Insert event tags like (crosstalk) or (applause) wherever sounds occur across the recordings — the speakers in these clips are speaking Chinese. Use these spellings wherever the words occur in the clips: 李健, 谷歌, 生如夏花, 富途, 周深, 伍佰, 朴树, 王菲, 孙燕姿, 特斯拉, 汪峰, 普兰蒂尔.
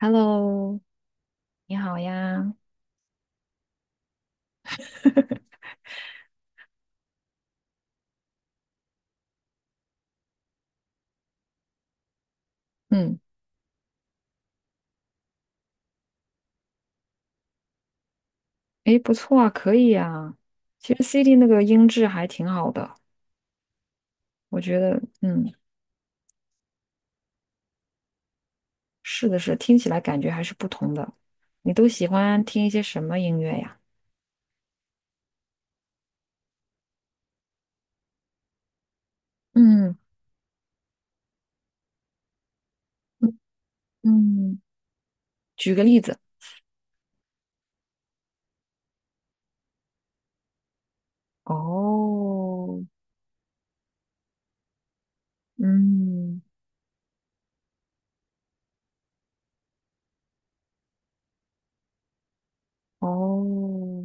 Hello，你好呀。嗯，诶，不错啊，可以啊。其实 CD 那个音质还挺好的，我觉得，嗯，是的是，听起来感觉还是不同的。你都喜欢听一些什么音乐呀？嗯嗯嗯，举个例子。哦，嗯，哦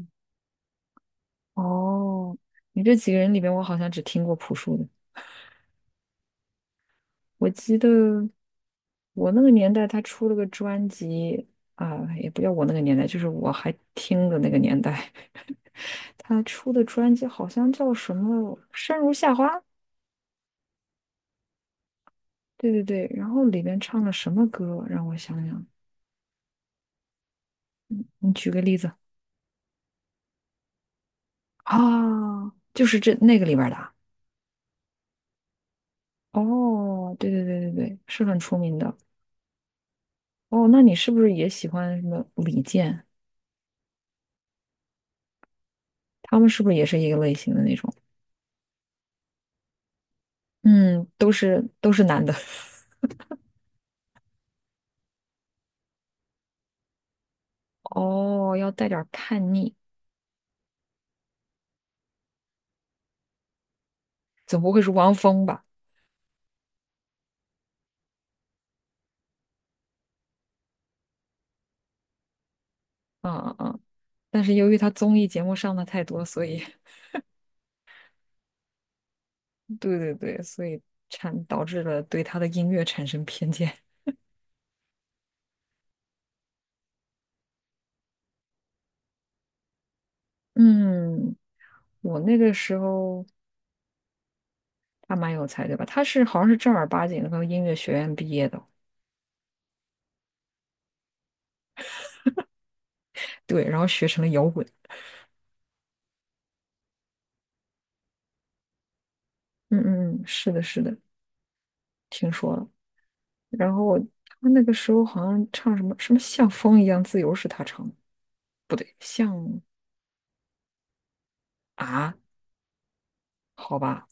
哦，你这几个人里边，我好像只听过朴树的。我记得我那个年代，他出了个专辑啊，也不叫我那个年代，就是我还听的那个年代，他出的专辑好像叫什么《生如夏花》，对对对，然后里面唱了什么歌？让我想想，你举个例子啊，就是这那个里边儿的啊哦，对对对对对，是很出名的哦。那你是不是也喜欢什么李健？他们是不是也是一个类型的那种？嗯，都是男的。(laughs) 哦，要带点儿叛逆，总不会是汪峰吧？嗯嗯嗯。但是由于他综艺节目上的太多，所以 (laughs) 对对对，所以导致了对他的音乐产生偏见。(laughs) 嗯，我那个时候他蛮有才对吧？他是好像是正儿八经的音乐学院毕业的，对，然后学成了摇滚。嗯嗯嗯，是的，是的，听说了。然后他那个时候好像唱什么什么像风一样自由是他唱的，不对，像啊，好吧。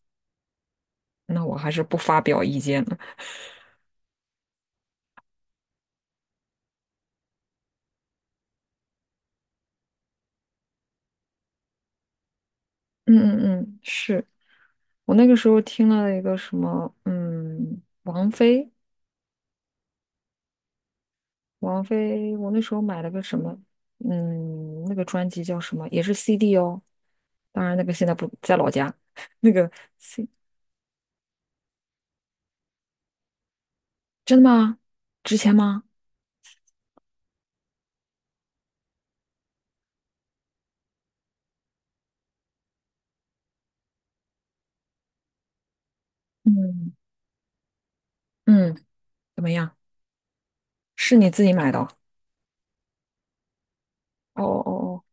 那我还是不发表意见了。嗯嗯嗯，是我那个时候听了一个什么，嗯，王菲，王菲，我那时候买了个什么，嗯，那个专辑叫什么，也是 CD 哦。当然，那个现在不在老家，(laughs) 那个 C 真的吗？值钱吗？嗯嗯，怎么样？是你自己买的哦？哦哦哦，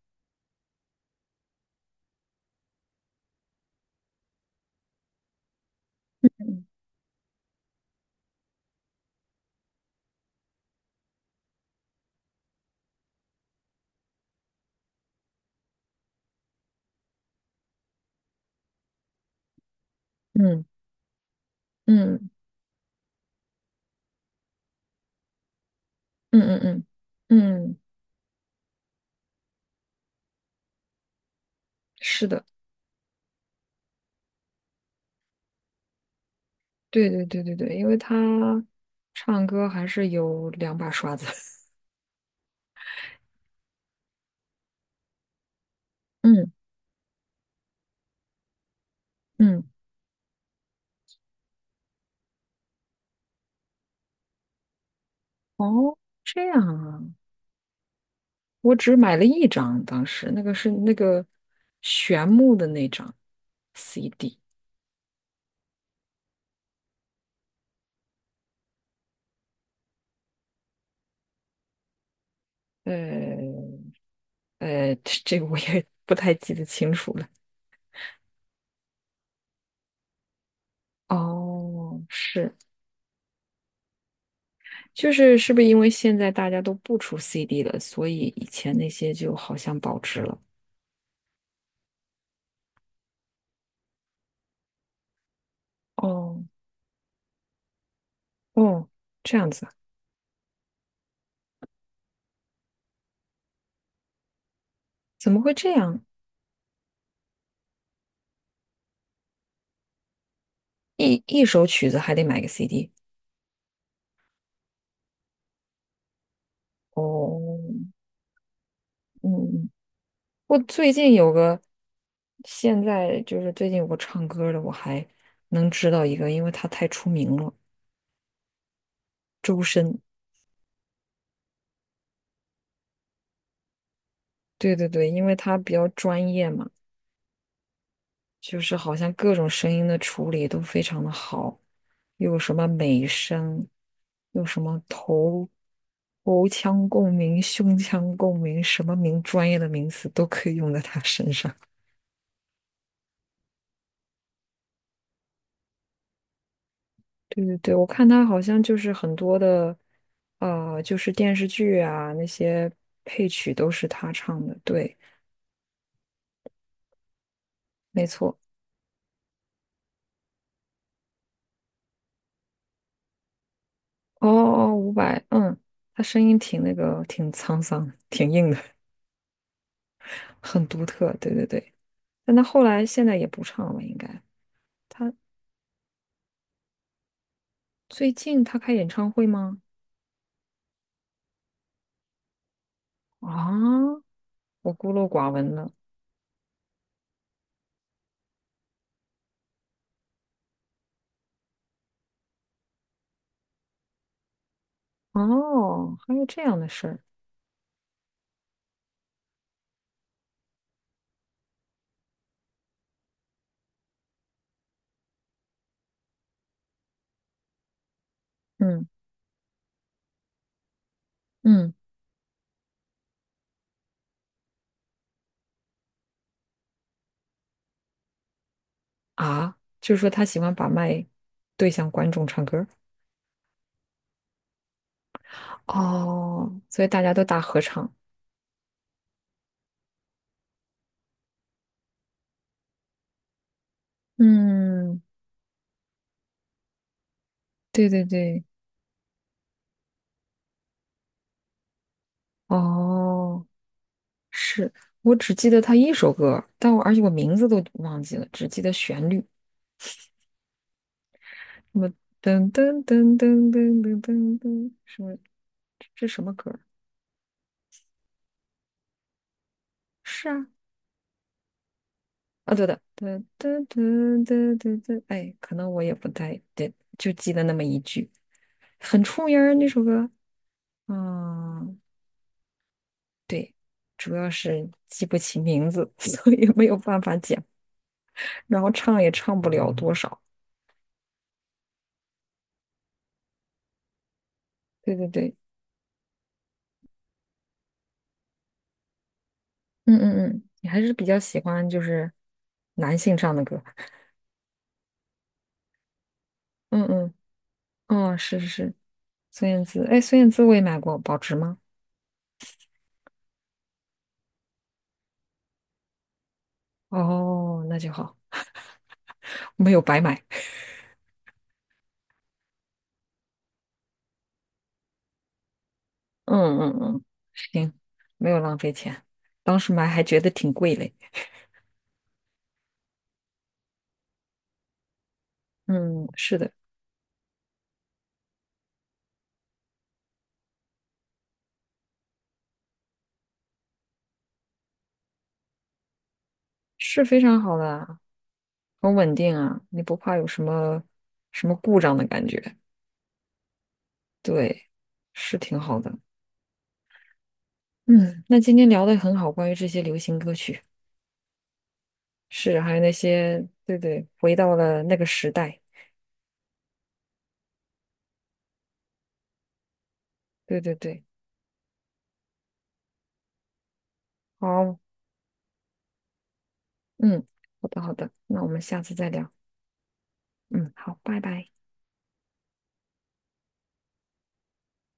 嗯嗯嗯嗯嗯嗯嗯，是的。对对对对对，因为他唱歌还是有两把刷子。(laughs) 嗯嗯，哦，这样啊，我只买了一张，当时那个是那个玄木的那张 CD，呃这这个我也 (laughs) 不太记得清楚了。哦，是，就是是不是因为现在大家都不出 CD 了，所以以前那些就好像保值了？哦哦，这样子啊怎么会这样？一首曲子还得买个 CD 哦，嗯，我最近有个，现在就是最近有个唱歌的，我还能知道一个，因为他太出名了，周深。对对对，因为他比较专业嘛，就是好像各种声音的处理都非常的好，又有什么美声，有什么头腔共鸣、胸腔共鸣，什么名专业的名词都可以用在他身上。对对对，我看他好像就是很多的，呃，就是电视剧啊那些配曲都是他唱的，对，没错。哦哦哦，伍佰，嗯，他声音挺那个，挺沧桑，挺硬的，(laughs) 很独特。对对对，但他后来现在也不唱了，应该。他最近他开演唱会吗？啊，我孤陋寡闻了。哦，还有这样的事儿。嗯嗯啊，就是说他喜欢把麦对向观众唱歌。哦，所以大家都打合唱。嗯，对对对，哦，是我只记得他一首歌，但我而且我名字都忘记了，只记得旋律，什么噔噔噔噔噔噔噔噔，什么这这什么歌儿是啊，啊对的，噔噔噔噔噔噔，哎，可能我也不太对，就记得那么一句，很出名儿那首歌，嗯。对，主要是记不起名字，(laughs) 所以没有办法讲，然后唱也唱不了多少。对对对，嗯嗯嗯，你还是比较喜欢就是男性唱的歌。嗯嗯，哦，是是是，孙燕姿，哎，孙燕姿我也买过，保值吗？哦，那就好，没有白买。嗯嗯嗯，行，没有浪费钱，当时买还觉得挺贵嘞。嗯，是的，是非常好的，很稳定啊，你不怕有什么什么故障的感觉。对，是挺好的。嗯，那今天聊的很好，关于这些流行歌曲，是，还有那些，对对，回到了那个时代，对对对，好，嗯，好的好的，那我们下次再聊，嗯，好，拜拜。